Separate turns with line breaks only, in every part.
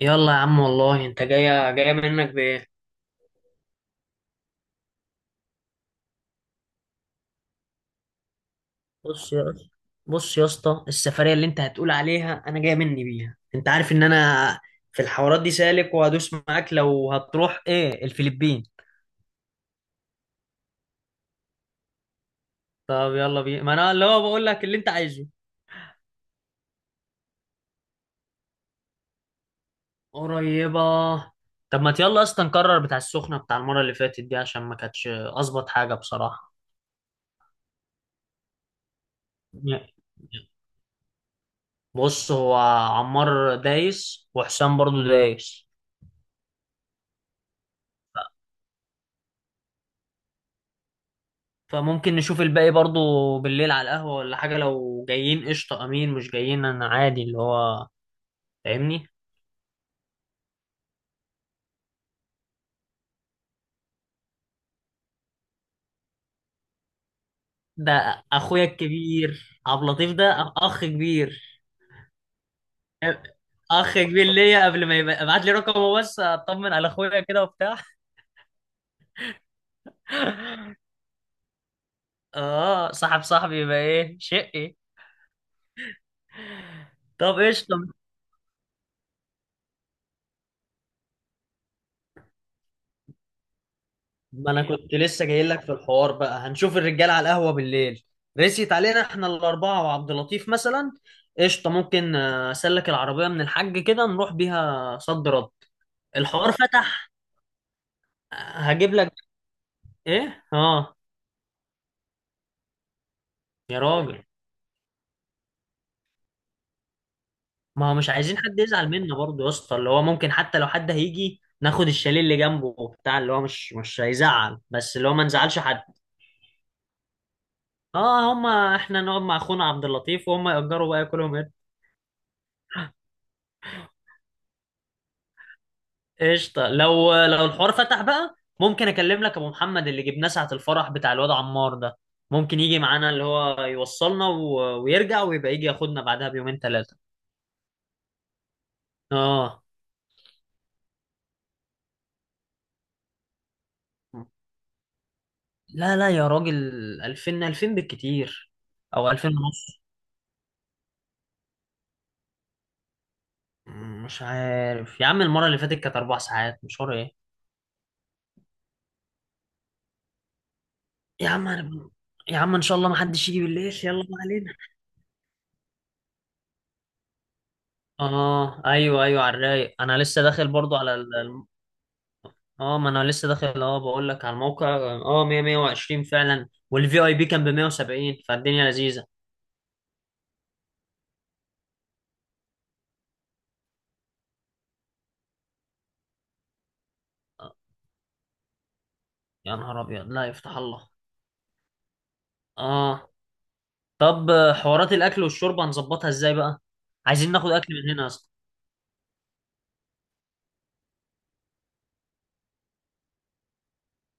يلا يا عم والله، انت جايه جايه منك بايه. بص يا بص يا اسطى، السفريه اللي انت هتقول عليها انا جايه مني بيها، انت عارف ان انا في الحوارات دي سالك وهدوس معاك، لو هتروح ايه الفلبين؟ طب يلا بينا، ما انا اللي هو بقول لك اللي انت عايزه. قريبه. طب ما يلا اصلا نكرر بتاع السخنه بتاع المره اللي فاتت دي، عشان ما كانتش اظبط حاجه بصراحه. بص، هو عمار دايس وحسام برضو دايس. فممكن نشوف الباقي برضو بالليل على القهوة ولا حاجة، لو جايين قشطة، أمين مش جايين أنا عادي اللي هو فاهمني. ده أخويا الكبير عبد اللطيف، ده أخ كبير. أخ كبير ليا، قبل ما يبقى ابعت لي رقمه بس أطمن على أخويا كده وبتاع. آه، صاحب صاحبي، يبقى إيه شقي. طب قشطة، ما انا كنت لسه جاي لك في الحوار، بقى هنشوف الرجال على القهوه بالليل. رسيت علينا احنا الاربعه وعبد اللطيف مثلا. قشطه ممكن، اسلك العربيه من الحاج كده نروح بيها صد رد. الحوار فتح. هجيب لك. ايه. اه. يا راجل. ما هو مش عايزين حد يزعل منا برضه يا اسطى، اللي هو ممكن حتى لو حد هيجي ناخد الشاليه اللي جنبه وبتاع، اللي هو مش هيزعل، بس اللي هو ما نزعلش حد. اه، هما احنا نقعد مع اخونا عبد اللطيف وهم يأجروا بقى كلهم. قشطة لو الحوار فتح بقى، ممكن اكلم لك ابو محمد اللي جبناه ساعة الفرح بتاع الواد عمار ده، ممكن يجي معانا اللي هو يوصلنا ويرجع ويبقى يجي ياخدنا بعدها بيومين ثلاثة. اه، لا لا يا راجل. 2000 2000 بالكتير، او 2000 ونص. مش عارف يا عم، المرة اللي فاتت كانت 4 ساعات مشوار، ايه. يا عم أنا. يا عم ان شاء الله ما حدش يجي بالليل، يلا ما علينا. اه ايوه ايوه على الرايق، انا لسه داخل برضو على. اه، ما انا لسه داخل، اه بقول لك على الموقع، اه 100 120 فعلا، والفي اي بي كان ب 170، فالدنيا لذيذه. يا نهار ابيض، لا يفتح الله. اه. طب حوارات الاكل والشرب هنظبطها ازاي بقى؟ عايزين ناخد اكل من هنا اصلا.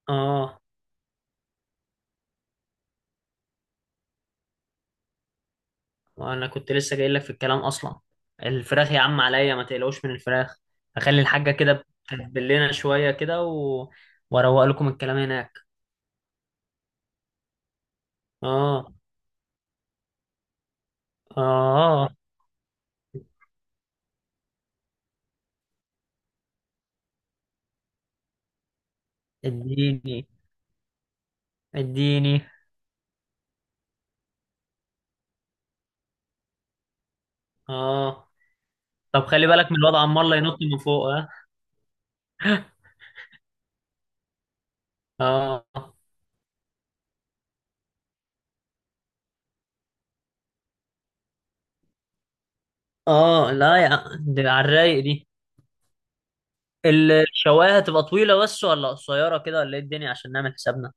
اه، وانا كنت لسه جاي لك في الكلام اصلا. الفراخ يا عم عليا، ما تقلقوش من الفراخ. هخلي الحاجه كده تتبل لنا شويه كده واروق لكم الكلام هناك. اه اه اديني اديني. اه، طب خلي بالك من الوضع عمال لا ينط من فوق، ها. اه اه، لا، يا دي على الرايق دي. الشوايه هتبقى طويله بس ولا قصيره كده ولا ايه الدنيا، عشان نعمل حسابنا؟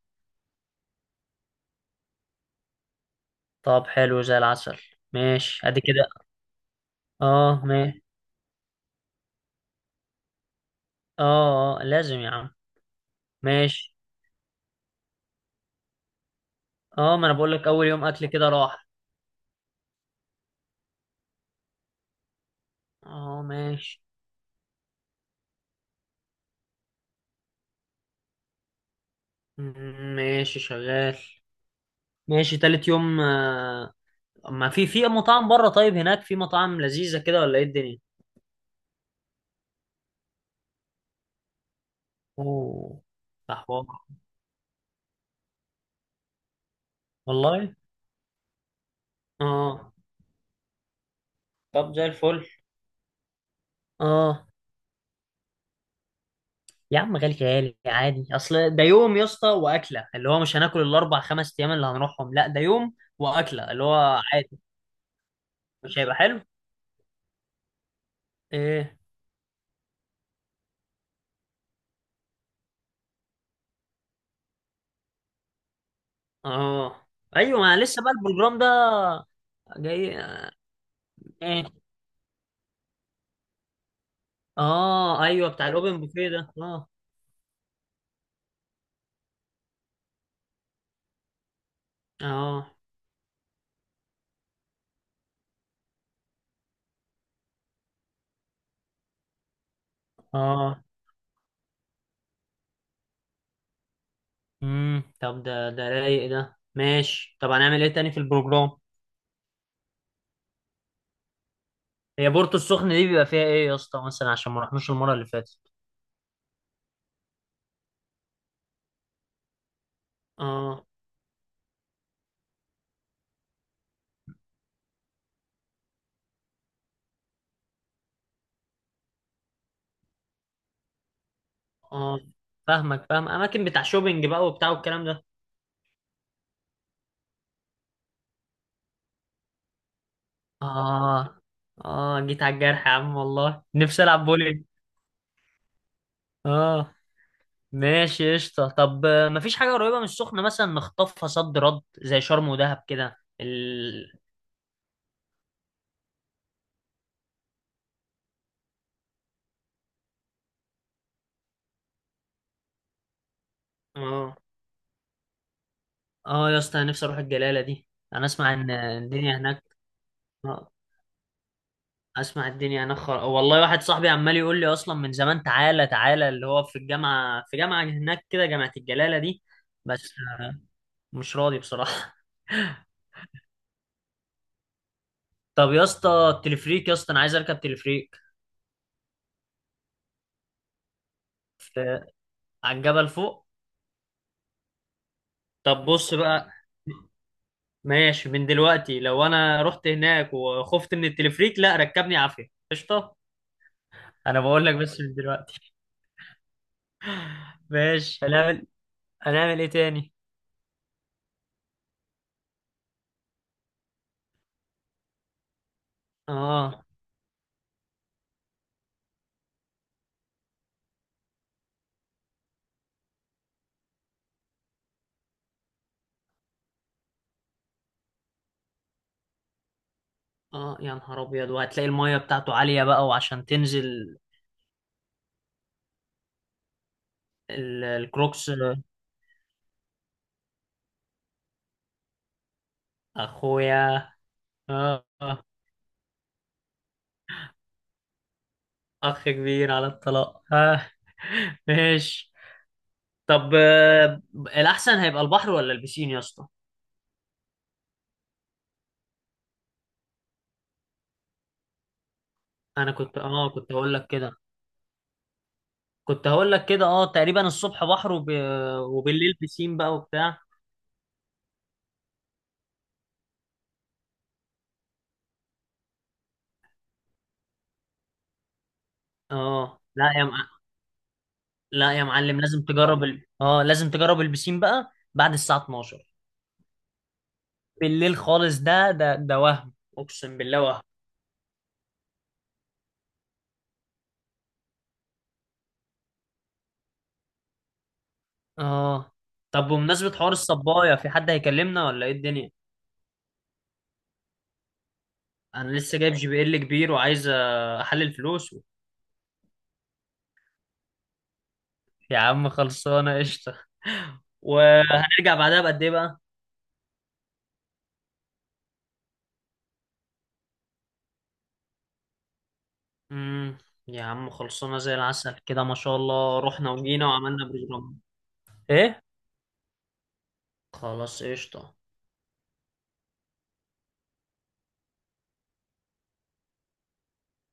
طب حلو زي العسل. ماشي ادي كده. اه ماشي. اه اه لازم يا عم. ماشي. اه ما انا بقول لك اول يوم اكل كده راح. اه ماشي. ماشي شغال. ماشي تالت يوم، ما في مطاعم بره، طيب هناك في مطاعم لذيذه كده ولا ايه الدنيا. اوه. ده حوار. والله اه. طب زي الفل. اه يا عم، غالي غالي عادي، اصل ده يوم يا اسطى واكله، اللي هو مش هناكل الاربع خمس ايام اللي هنروحهم، لا ده يوم واكله اللي هو عادي. مش هيبقى حلو. ايه؟ اه ايوه، ما لسه بقى البروجرام ده جاي، ايه. اه ايوه بتاع الاوبن بوفيه ده اه. اه اه طب ده رايق ده ماشي، طب هنعمل ايه تاني في البروجرام؟ هي بورتو السخنة دي بيبقى فيها ايه يا اسطى مثلا، عشان ما رحناش المرة اللي فاتت. اه اه فاهمك، فاهم، اماكن بتاع شوبينج بقى وبتاع والكلام ده. اه اه، جيت على الجرح يا عم، والله نفسي العب بولينج. اه ماشي قشطة. طب مفيش حاجة قريبة من السخنة مثلا نخطفها صد رد زي شرم ودهب كده اه اه يا اسطى، انا نفسي اروح الجلالة دي. انا اسمع ان الدنيا هناك. آه، اسمع الدنيا هناك والله واحد صاحبي عمال يقول لي اصلا من زمان، تعالى تعالى، اللي هو في الجامعة، في جامعة هناك كده جامعة الجلالة دي. بس آه، مش راضي بصراحة. طب يا اسطى التلفريك يا اسطى، انا عايز اركب تلفريك. في، على الجبل فوق. طب بص بقى. ماشي. من دلوقتي لو انا رحت هناك وخفت من التلفريك لا ركبني عافية، قشطة. انا بقول لك بس من دلوقتي. ماشي. هنعمل ايه تاني. اه اه يا نهار ابيض، وهتلاقي المية بتاعته عالية بقى وعشان تنزل. الكروكس. اخويا. اه اخ كبير على الطلاق اه. ماشي. طب الأحسن هيبقى البحر ولا البسين يا اسطى؟ أنا كنت هقول لك كده. كنت هقول لك كده تقريبا الصبح بحر وبالليل بسين بقى وبتاع. آه لا يا مع... لا يا معلم لازم تجرب ال... آه لازم تجرب البسين بقى بعد الساعة 12. بالليل خالص ده وهم أقسم بالله وهم. آه. طب بمناسبة حوار الصباية، في حد هيكلمنا ولا إيه الدنيا؟ أنا لسه جايب GPL كبير، وعايز أحلل فلوس. يا عم خلصانة قشطة. وهنرجع بعدها بقد ايه بقى؟ امم يا عم خلصانة زي العسل كده، ما شاء الله، رحنا وجينا وعملنا بروجرام. ايه؟ خلاص قشطة.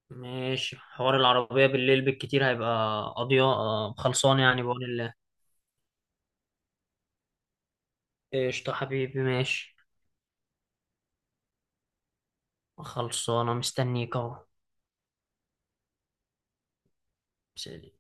ماشي، حوار العربية بالليل بالكتير هيبقى قضية، خلصانة يعني بقول الله. قشطة حبيبي ماشي. خلصانة مستنيك اهو. سلام.